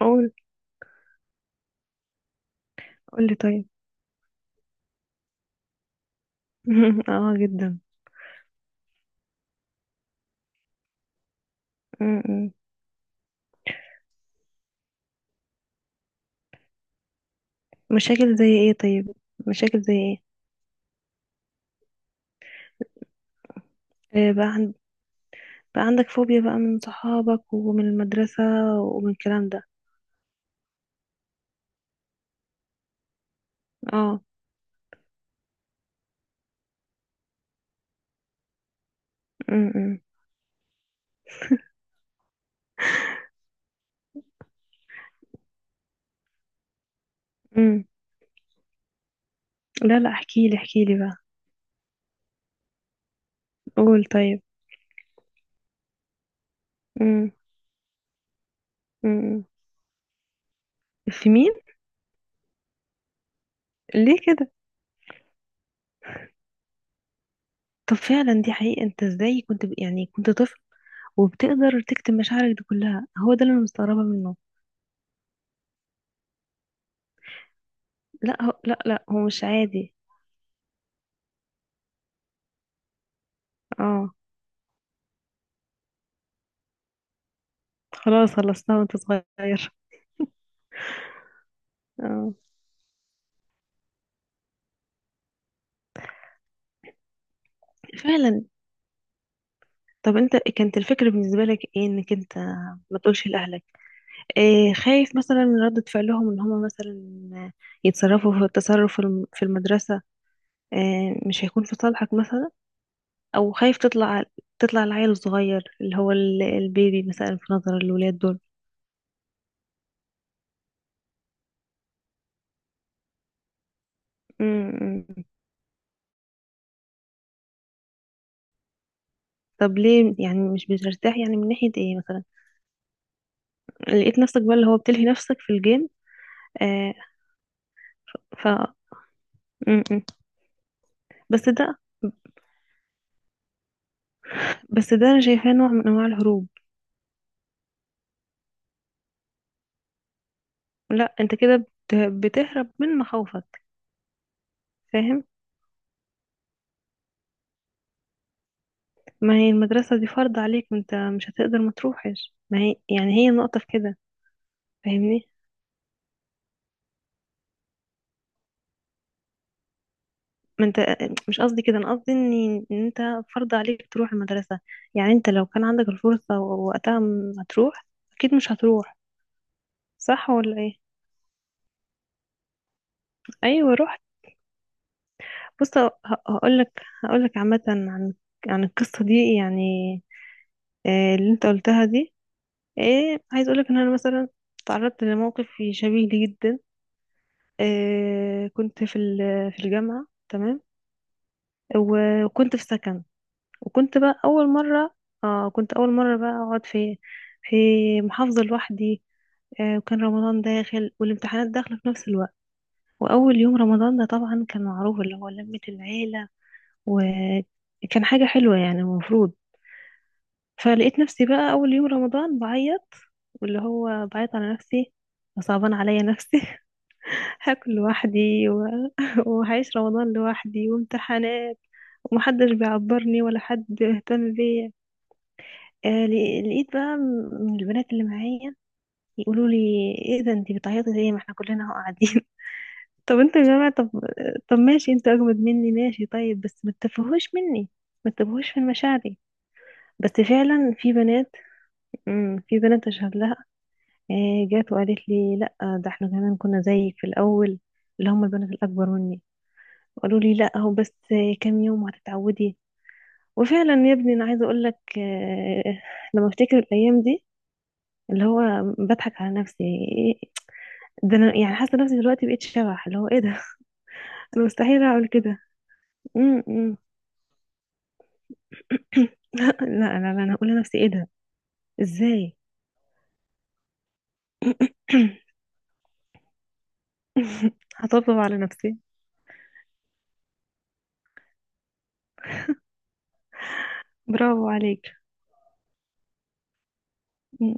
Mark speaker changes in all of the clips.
Speaker 1: قول قول لي طيب. اه، جدا. م-م. مشاكل زي ايه طيب؟ مشاكل زي ايه؟ آه، بقى, عند... بقى عندك فوبيا بقى من صحابك ومن المدرسة. ومن الكلام ده. اه. م-م. م. لا، لا، احكي لي احكي لي بقى. قول طيب. م. م-م. في مين؟ ليه كده؟ طب فعلا دي حقيقة، انت ازاي كنت يعني كنت طفل وبتقدر تكتم مشاعرك دي كلها؟ هو ده اللي انا مستغربة منه. لا، لا، هو مش عادي. اه. خلاص خلصناه وانت صغير. اه. فعلا. طب انت كانت الفكرة بالنسبة لك ايه انك انت ما تقولش لأهلك؟ إيه، خايف مثلا من ردة فعلهم ان هم مثلا يتصرفوا في التصرف في في المدرسة؟ إيه مش هيكون في صالحك مثلا؟ او خايف تطلع العيل الصغير اللي هو البيبي مثلا في نظر الولاد دول؟ امم. طب ليه يعني مش بترتاح؟ يعني من ناحية ايه مثلا؟ لقيت نفسك بقى اللي هو بتلهي نفسك في الجيم. آه ف م- م. بس ده بس ده انا شايفاه نوع من انواع الهروب. لا انت كده بتهرب من مخاوفك. فاهم. ما هي المدرسة دي فرض عليك، ما انت مش هتقدر ما تروحش، ما هي يعني هي النقطة في كده. فاهمني. ما انت مش قصدي كده، انا قصدي ان انت فرض عليك تروح المدرسة. يعني انت لو كان عندك الفرصة وقتها ما تروح، اكيد مش هتروح، صح ولا ايه؟ ايوه رحت. بص، هقول لك عامة عن القصة دي، يعني آه، اللي انت قلتها دي. ايه، عايز اقول لك ان انا مثلا تعرضت لموقف شبيه لي جدا. كنت في في الجامعة، تمام. وكنت في سكن. وكنت بقى أول مرة، كنت أول مرة بقى أقعد في محافظة لوحدي. وكان رمضان داخل والامتحانات داخلة في نفس الوقت. وأول يوم رمضان ده طبعا كان معروف اللي هو لمة العيلة، وكان حاجة حلوة يعني المفروض. فلقيت نفسي بقى أول يوم رمضان بعيط، واللي هو بعيط على نفسي، وصعبان عليا نفسي. هاكل لوحدي وهعيش رمضان لوحدي وامتحانات، ومحدش بيعبرني ولا حد بيهتم بيا. لقيت بقى من البنات اللي معايا يقولوا لي: ايه ده انت بتعيطي ليه؟ ما احنا كلنا اهو قاعدين. طب انتوا يا جماعه، طب، طب ماشي، انتوا اجمد مني، ماشي طيب بس ما تتفهوش مني، ما تتفهوش في مشاعري. بس فعلا في بنات، في بنات اشهد لها. جات وقالت لي: لا، ده احنا كمان كنا زيك في الاول. اللي هم البنات الاكبر مني قالوا لي: لا، هو بس كام يوم وهتتعودي. وفعلا يا ابني، انا عايزه اقول لك لما افتكر الايام دي اللي هو بضحك على نفسي. إيه- ده انا يعني حاسه نفسي دلوقتي بقيت شبح، اللي هو ايه ده. انا مستحيل اعمل كده. م. لا، لا، لا، انا هقول لنفسي ايه ده، ازاي. هطبطب على نفسي. برافو عليك. م.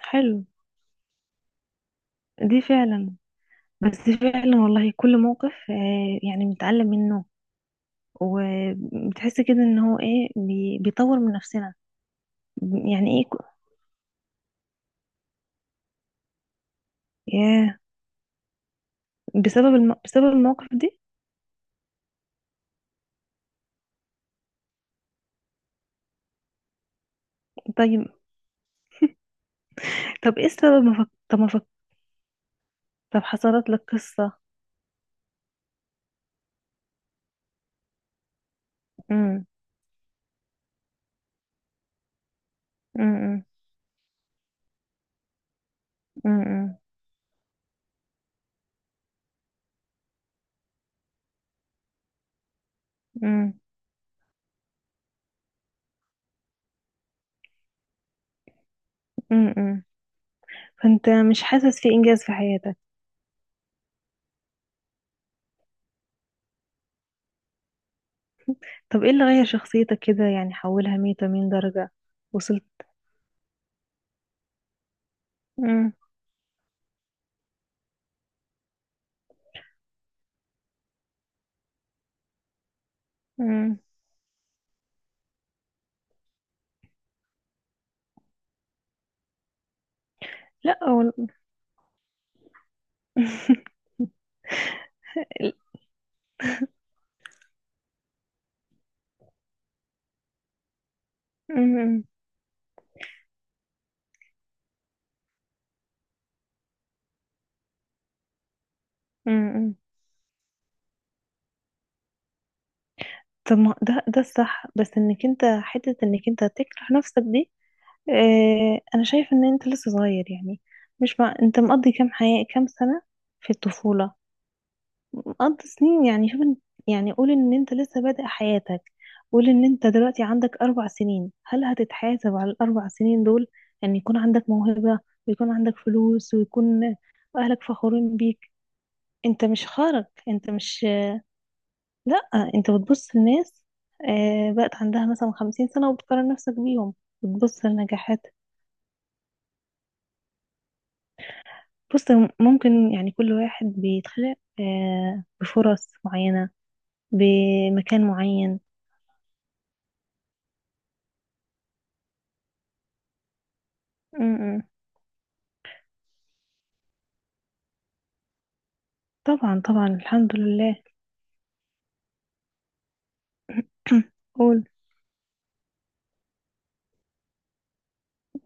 Speaker 1: حلو. دي فعلا. بس فعلا والله كل موقف يعني بنتعلم منه. وبتحس كده ان هو ايه بيطور من نفسنا. يعني ايه ياه. بسبب المواقف دي. طيب. طب ايه السبب ما فك... طب ما فك... طب حصلت لك قصة. امم. امم. امم. امم. امم. إمم، إمم، إمم. فانت مش حاسس في انجاز في حياتك. طب ايه اللي غير شخصيتك كده؟ يعني حولها 180 درجة. وصلت. امم. امم. لا، امم. امم. إمم، إمم. طب ما ده الصح بس انك انت حتة انك انت تكره نفسك دي. انا شايف ان انت لسه صغير يعني. مش مع... انت مقضي كام سنة في الطفولة، مقضي سنين يعني شوف يعني قول ان انت لسه بادئ حياتك. قول ان انت دلوقتي عندك اربع سنين، هل هتتحاسب على الاربع سنين دول ان يكون عندك موهبة، ويكون عندك فلوس، ويكون اهلك فخورين بيك؟ انت مش خارج، انت مش. لا، انت بتبص لناس بقت عندها مثلا خمسين سنة وبتقارن نفسك بيهم. بتبص لنجاحات. بص، ممكن يعني كل واحد بيتخلق بفرص معينة بمكان معين. م- م. طبعا، طبعا الحمد لله. قول.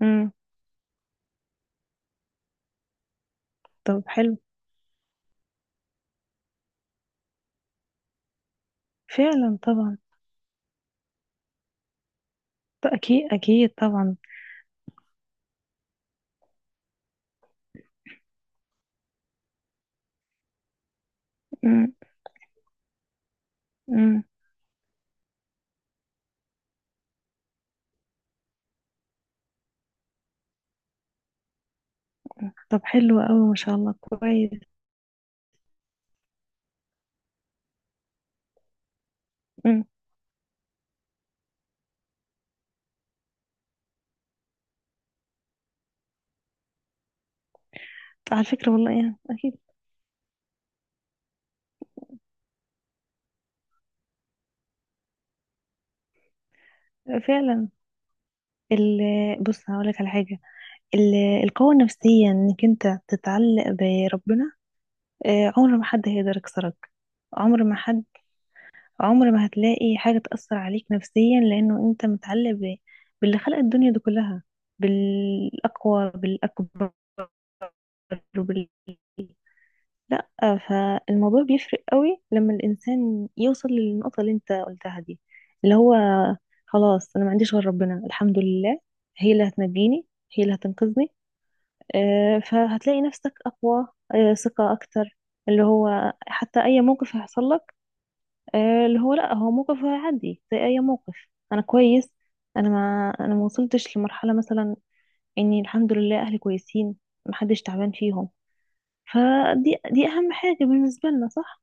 Speaker 1: م. طب حلو. فعلا، طبعا. أكيد، أكيد، طبعا. م- م. طب حلو أوي، ما شاء الله، كويس. م. على فكرة، والله يعني أكيد. فعلا. ال بص هقولك على حاجة. ال- القوة النفسية إنك أنت تتعلق بربنا، عمر ما حد هيقدر يكسرك. عمر ما حد. عمر ما هتلاقي حاجة تأثر عليك نفسيا لأنه أنت متعلق باللي خلق الدنيا دي كلها، بالأقوى، بالأكبر وبال... لا. فالموضوع بيفرق قوي لما الإنسان يوصل للنقطة اللي أنت قلتها دي، اللي هو: خلاص أنا ما عنديش غير ربنا الحمد لله، هي اللي هتنجيني، هي اللي هتنقذني. فهتلاقي نفسك أقوى، ثقة أكتر، اللي هو حتى أي موقف هيحصل لك اللي هو لا، هو موقف عادي زي اي موقف. انا كويس. انا ما وصلتش لمرحله مثلا اني الحمد لله اهلي كويسين، محدش تعبان فيهم. فدي اهم حاجه بالنسبه لنا، صح.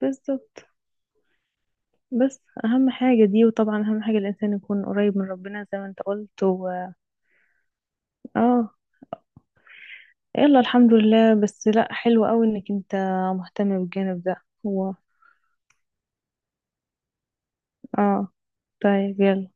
Speaker 1: بس بس اهم حاجه دي، وطبعا اهم حاجه الانسان يكون قريب من ربنا زي ما انت قلت اه. يلا الحمد لله، بس لا حلو قوي انك انت مهتم بالجانب ده. هو. اه. طيب يلا.